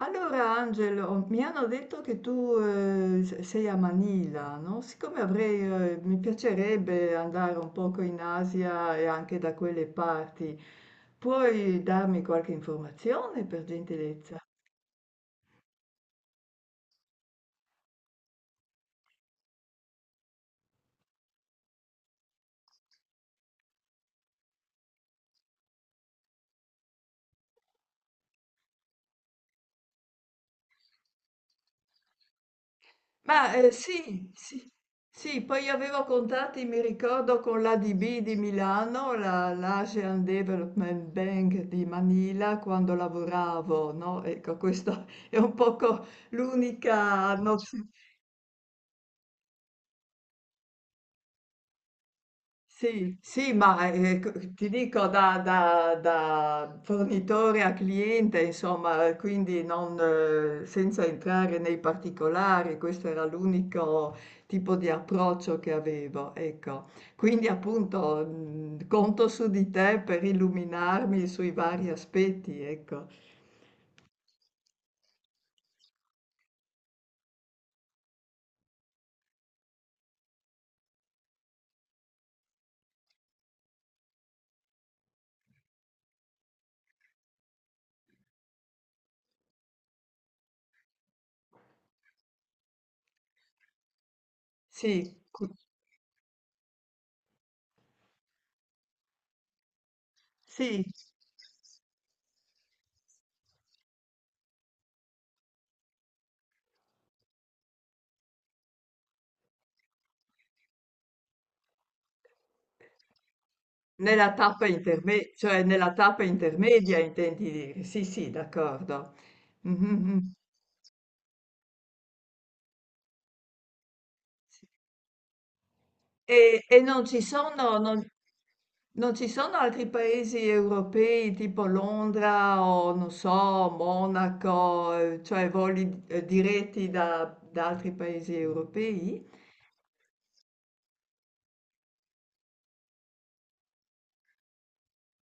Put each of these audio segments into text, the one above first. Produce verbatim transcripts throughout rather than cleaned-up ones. Allora Angelo, mi hanno detto che tu eh, se- sei a Manila, no? Siccome avrei, eh, mi piacerebbe andare un poco in Asia e anche da quelle parti, puoi darmi qualche informazione per gentilezza? Ma eh, sì, sì, sì, poi avevo contatti, mi ricordo, con l'A D B di Milano, la- l'Asian Development Bank di Manila, quando lavoravo, no? Ecco, questo è un poco l'unica nozione. Sì, sì, ma eh, co- eh, ti dico da, da- da fornitore a cliente, insomma, eh, quindi non, eh, senza entrare nei particolari, questo era l'unico tipo di approccio che avevo, ecco. Quindi appunto mh, conto su di te per illuminarmi sui vari aspetti, ecco. Sì, cu- sì, nella tappa interme- cioè nella tappa intermedia intendi dire, sì, sì, d'accordo. Mhm, mhm. E, e non ci sono, non, non ci sono altri paesi europei tipo Londra o non so, Monaco, eh, cioè voli eh, diretti da, da altri paesi europei?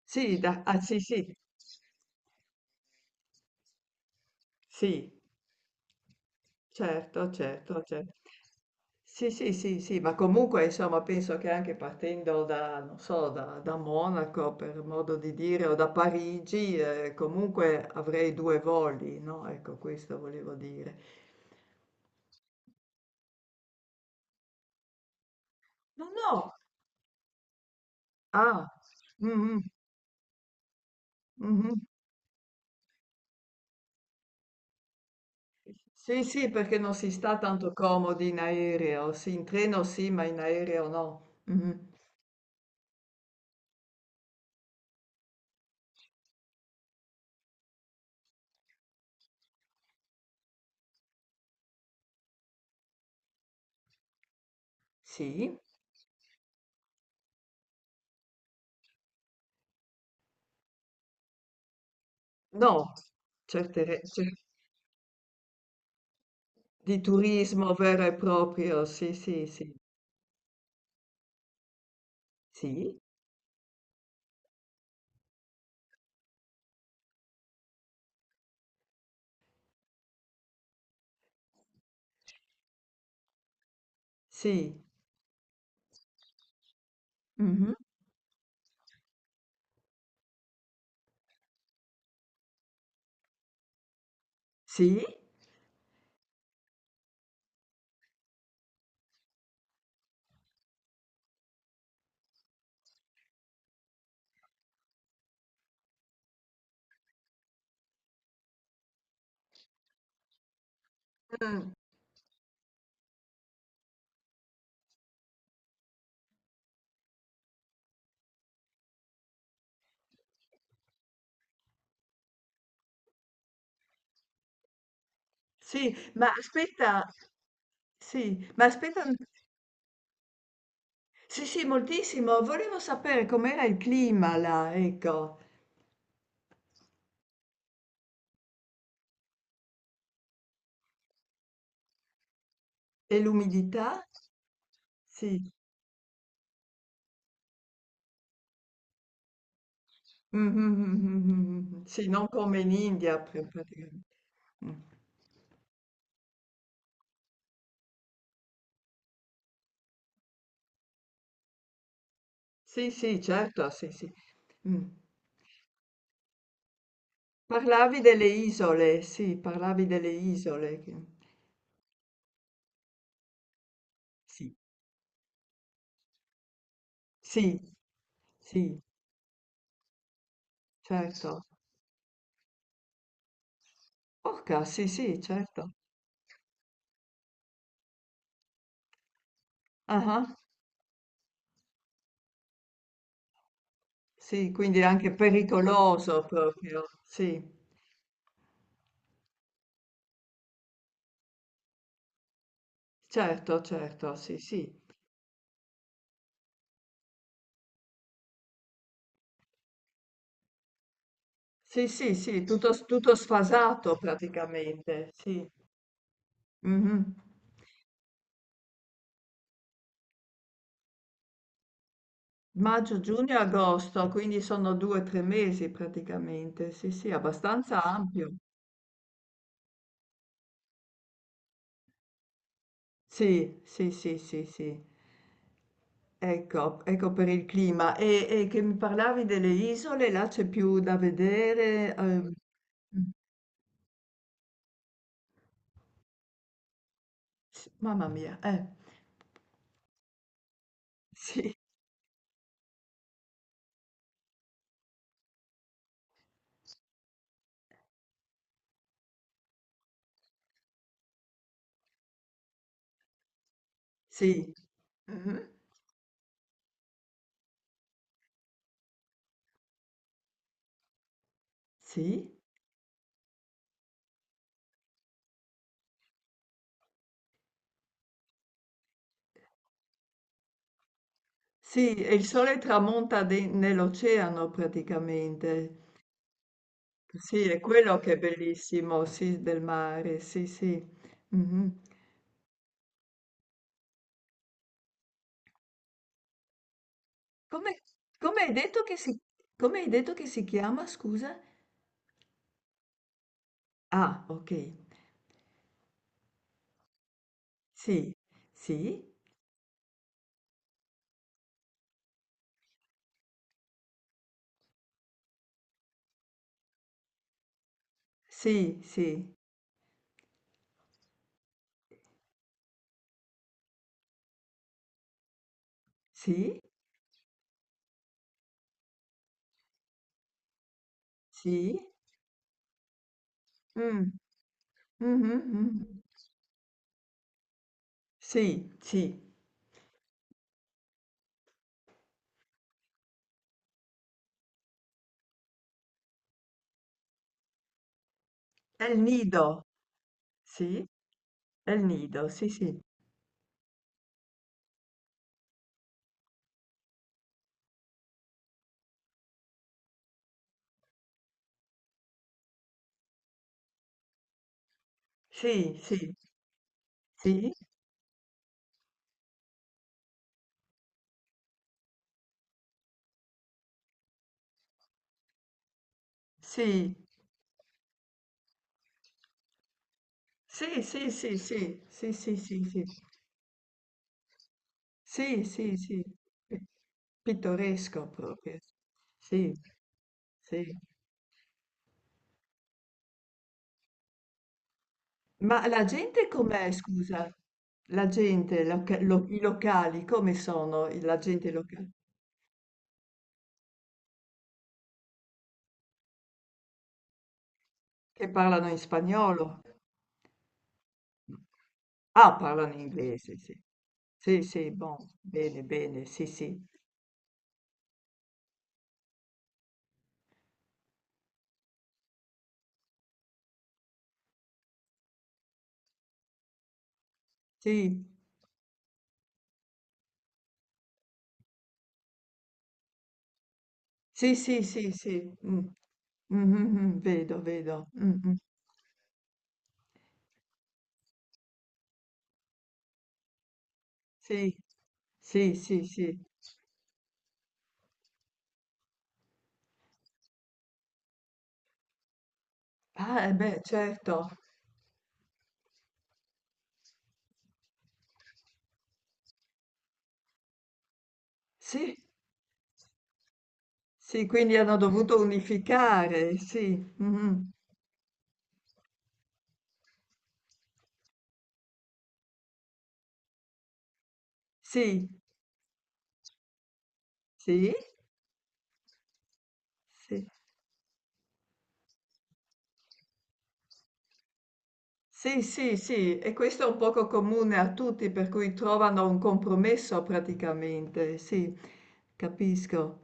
Sì, da- ah, sì, sì, sì. Certo, certo, cer. Sì, sì, sì, sì, ma comunque insomma penso che anche partendo da, non so, da, da Monaco per modo di dire o da Parigi, eh, comunque avrei due voli, no? Ecco, questo volevo dire. No, no, ah, mhm, mhm. Sì, sì, perché non si sta tanto comodi in aereo, sì, in treno sì, ma in aereo no. Mhm. Sì, no, cercherei, di turismo vero e proprio, sì, sì, sì, sì, sì, mhm, sì, mm, sì, ma aspetta, sì, ma aspetta, un- sì, sì, moltissimo, volevo sapere com'era il clima là, ecco, e l'umidità, sì, mhm, sì, non come in India, pr- praticamente. Mm. Sì, sì, certo, sì, sì. Mm. Parlavi delle isole, sì, parlavi delle isole, che- sì, sì, sì. Certo. Urca, sì, sì, certo. Ah-ah, sì, quindi è anche pericoloso proprio, sì, certo, certo, sì, sì. Sì, sì, sì, tutto, s- tutto sfasato praticamente, sì. Mhm. Maggio, giugno, agosto, quindi sono due o tre mesi praticamente, sì, sì, abbastanza ampio. Sì, sì, sì, sì, sì. Ecco, ecco per il clima. E, e che mi parlavi delle isole, là c'è più da vedere. ehm. S mamma mia, eh. Sì. Sì. Mh-mh. Sì? Sì, e il sole tramonta de nell'oceano praticamente. Sì, è quello che è bellissimo, sì, del mare, sì, sì. Mh-mh. Come come hai detto che si Come hai detto che si chiama, scusa? Ah, okay. Sì, sì, sì, sì, sì, sì, mh, mh-mh, mh. Sì, sì. È il nido, sì. È il nido, sì, sì. Sì, sì, sì, sì. Sì, sì, sì, sì, sì, sì, sì, sì. Sì, sì, sì. Pi- Pittoresco proprio. Sì, sì. Ma la gente com'è, scusa? La gente, loca- lo- i locali, come sono i- la gente locale? Che parlano in spagnolo? Ah, parlano in inglese, sì. Sì, sì, bon, bene, bene, sì, sì. Sì, sì, sì, sì, sì. Mm. Mhm, mhm, vedo, vedo. Mm, mm. Sì, sì, sì, sì. Ah, e beh, certo. Sì, sì, quindi hanno dovuto unificare, sì. Mhm. Sì, sì, sì, sì, sì, sì. E questo è un poco comune a tutti, per cui trovano un compromesso praticamente, sì, capisco.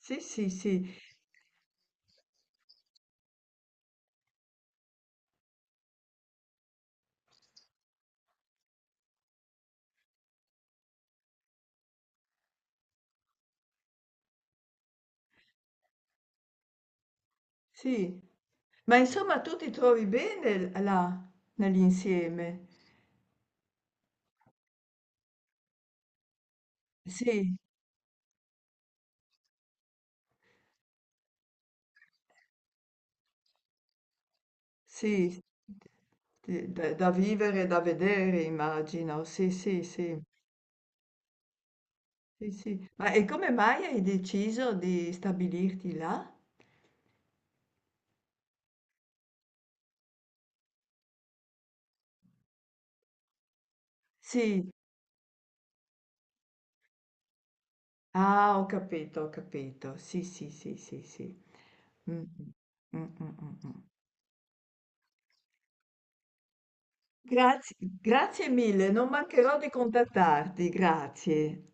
Sì, sì, sì, sì. Ma insomma, tu ti trovi bene là, nell'insieme? Sì, sì, ti- da, da vivere, da vedere, immagino. Sì, sì, sì. Sì, sì. Ma e come mai hai deciso di stabilirti là? Sì. Ah, ho capito, ho capito. Sì, sì, sì, sì, sì. Mm, mm, mm, mm, mm. Grazie, grazie mille, non mancherò di contattarti, grazie.